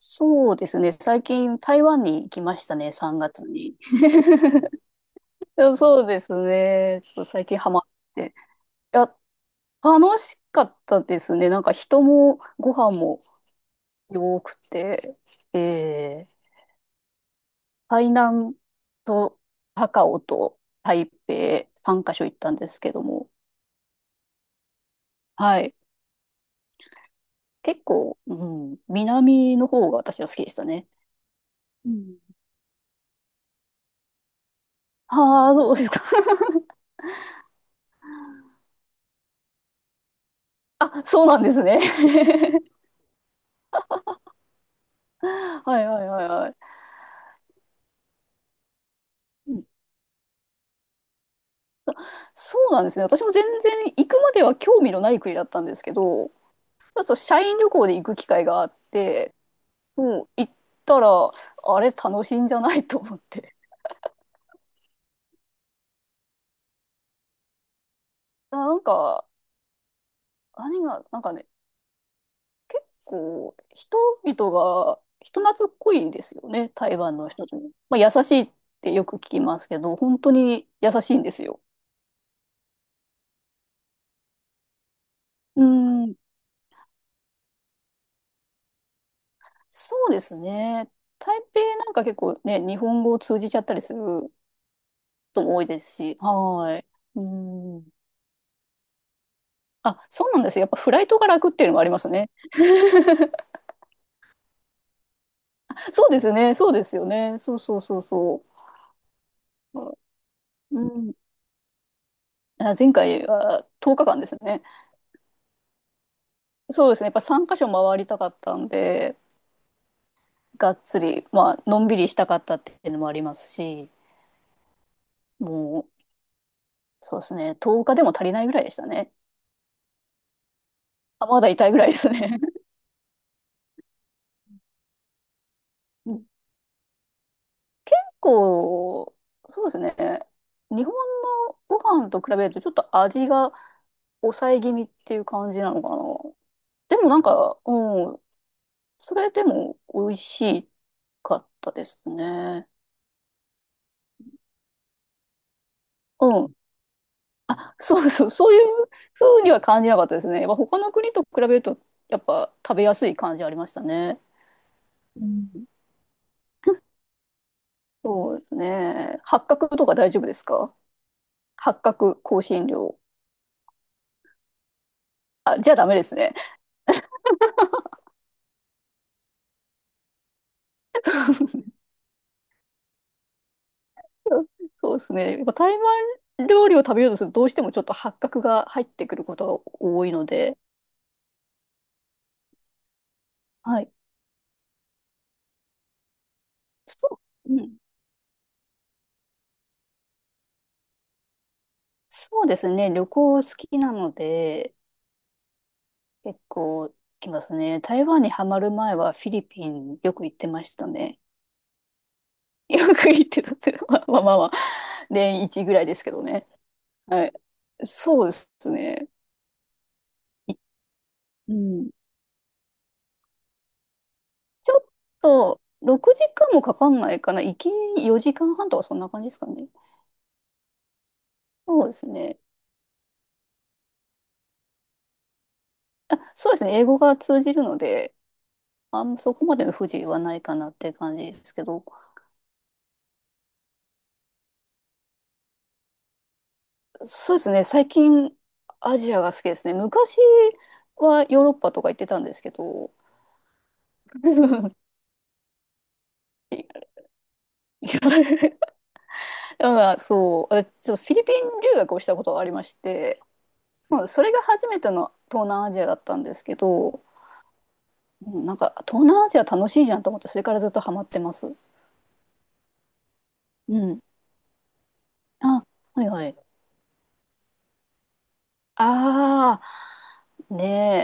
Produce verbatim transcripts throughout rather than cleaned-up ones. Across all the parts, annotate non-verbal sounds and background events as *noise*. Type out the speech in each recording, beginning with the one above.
そうですね。最近台湾に行きましたね、さんがつに。*laughs* そうですね。ちょっと最近ハマって。いや、楽しかったですね。なんか人もご飯も良くて、えー、台南と高雄と台北さんカ所行ったんですけども、はい。結構、うん、南の方が私は好きでしたね。うん。ああ、そうですか。*laughs* あ、そうなんですね。*laughs* はいはいはいはい。うん、そうなんですね。私も全然行くまでは興味のない国だったんですけど、ちょっと社員旅行で行く機会があって、もう行ったら、あれ楽しいんじゃないと思って。*laughs* なんか、何が、なんかね、こう、人々が人懐っこいですよね、台湾の人とも。まあ、優しいってよく聞きますけど、本当に優しいんですよ。うん、そうですね。台北なんか結構ね、日本語を通じちゃったりするとも多いですし、はい。うん。あ、そうなんですよ。やっぱフライトが楽っていうのもありますね。*laughs* そうですね。そうですよね。そうそうそうそう。うん。あ、前回はとおかかんですね。そうですね。やっぱさんカ所回りたかったんで、がっつり、まあ、のんびりしたかったっていうのもありますし、もう、そうですね。とおかでも足りないぐらいでしたね。あ、まだ痛いぐらいですね。*laughs* うん、結構、そうですね。日本のご飯と比べるとちょっと味が抑え気味っていう感じなのかな。でもなんか、うん、それでも美味しかったですね。うん。あ、そうそう、そういう風には感じなかったですね。やっぱ他の国と比べると、やっぱ食べやすい感じありましたね。うん、そうですね。八角とか大丈夫ですか？八角香辛料。あ、じゃあダメですね。*laughs* そう、そうですね。やっぱ台湾料理を食べようとするとどうしてもちょっと八角が入ってくることが多いので、はい。そう、うん、そうですね。旅行好きなので、結構行きますね。台湾にはまる前はフィリピンよく行ってましたね。*laughs* よく行ってたって、まあまあまあまあ、年一ぐらいですけどね。はい。そうですね。い、うん。ちょっと、ろくじかんもかかんないかな。行きよじかんはんとかそんな感じですかね。そうですね。そうですね。英語が通じるので、あんまそこまでの不自由はないかなっていう感じですけど。そうですね。最近、アジアが好きですね。昔はヨーロッパとか行ってたんですけど、*laughs* だから *laughs* そう、私ちょっとフィリピン留学をしたことがありまして、そう、それが初めての東南アジアだったんですけど、うん、なんか東南アジア楽しいじゃんと思って、それからずっとハマってます。うん。あ、はいはい。ああ、ね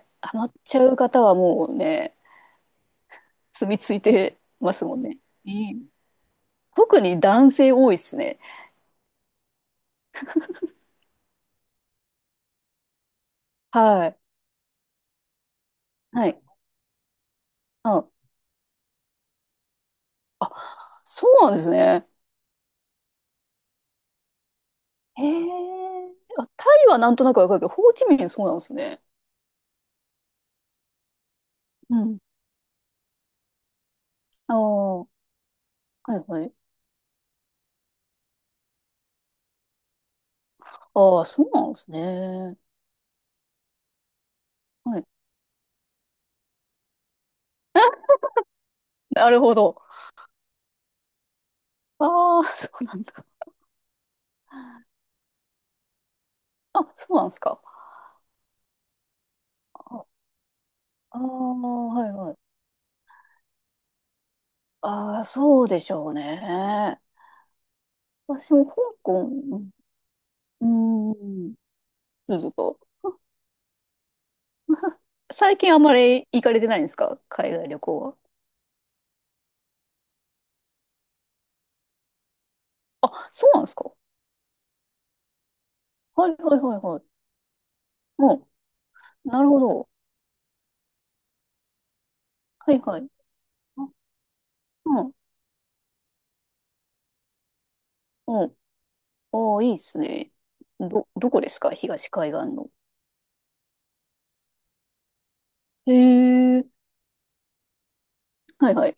え、ハマっちゃう方はもうね、住み着いてますもんね。うん、特に男性多いっすね。はい。はい。うん、あ、そうなんですね。へえ。あ、タイはなんとなくわかるけど、ホーチミンそうなんですね。うん。ああ、はいはい。ああ、そうなんですね。はい。なるほど。ああ、そうなんだ。あ、そうなんですか。ああー、はいはい。ああ、そうでしょうね。私も香港、うん、うーん、どうぞどうぞ。*laughs* 最近あんまり行かれてないんですか海外旅行は？あ、そうなんですか。はいはいはいはい。なるほど。はいはい。あ、うん。うん。ああ、いいっすね。ど、どこですか東海岸の？へえ。はいはい。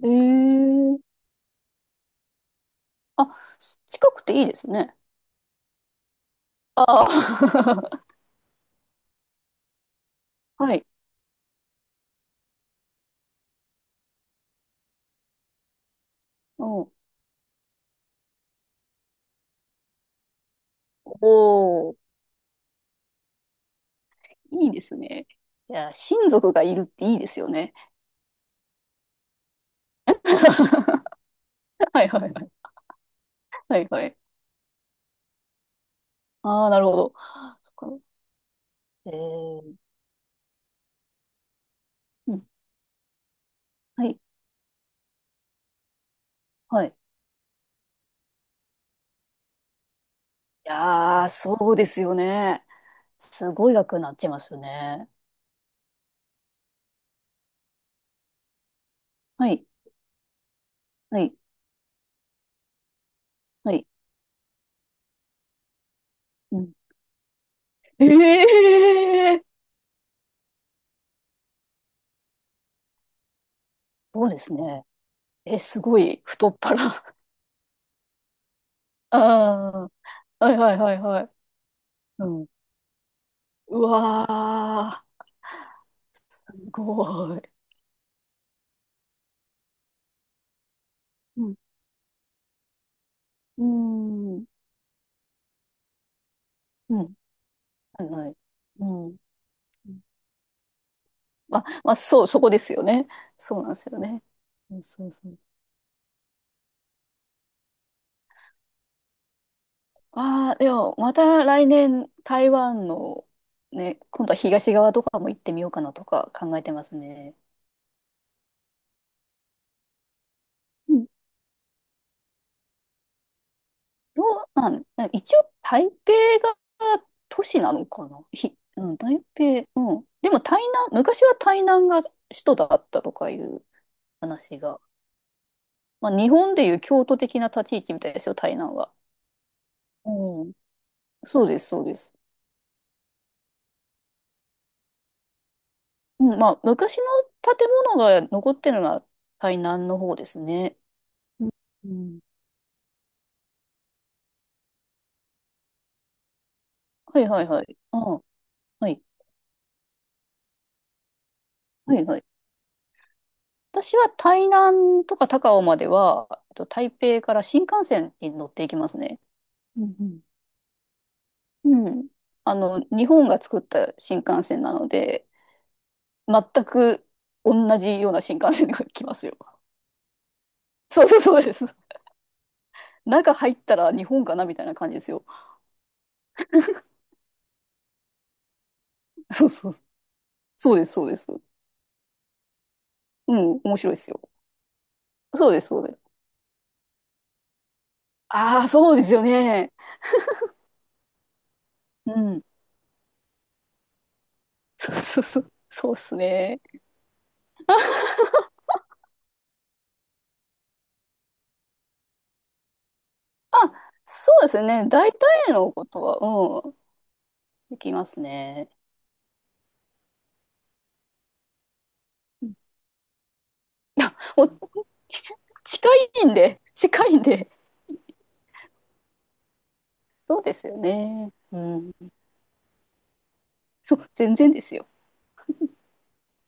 へえ。あ、近くていいですね。ああ。*laughs* はい。うん。おお、いいですね。いや、親族がいるっていいですよね。*laughs* はいはいはい。はいはい。ああ、なるほど。そっか。えー、うん。はい。はい。いやー、そうですよね。すごい額になっちゃいますよね。はい、はい、はい。うん。ええ、そうですね。え、すごい、太っ腹。*laughs* ああ、はいはいはいはい。うん。うわー、すごい。うん。うーん。うん。はいはい。うん。ま、まあ、そう、そこですよね。そうなんですよね。うん、そうそう。ああ、でも、また来年、台湾の、ね、今度は東側とかも行ってみようかなとか考えてますね。どうなん、一応台北が都市なのかな、ひ、うん、台北、うん。でも台南、昔は台南が首都だったとかいう話が。まあ日本でいう京都的な立ち位置みたいですよ、台南は。うん。そうです、そうです。うん、まあ昔の建物が残ってるのは台南の方ですね。うん、うん、はいはいはい。ああ、はい。はいはい。私は台南とか高雄までは、えっと台北から新幹線に乗っていきますね。うん、うん。うん、あの、日本が作った新幹線なので、全く同じような新幹線が来ますよ。*laughs* そうそうそうです。中入ったら日本かなみたいな感じですよ。そうそう。そうです、そうです。うん、面白いですよ。そうです、そうです。ああ、そうですよね。うん。そうそうそう。そうっすね。あ、そうですね。大体のことは、うん、できますね。うん、もう *laughs* 近いんで、近いんで。そうですよね。うん。そう、全然ですよ。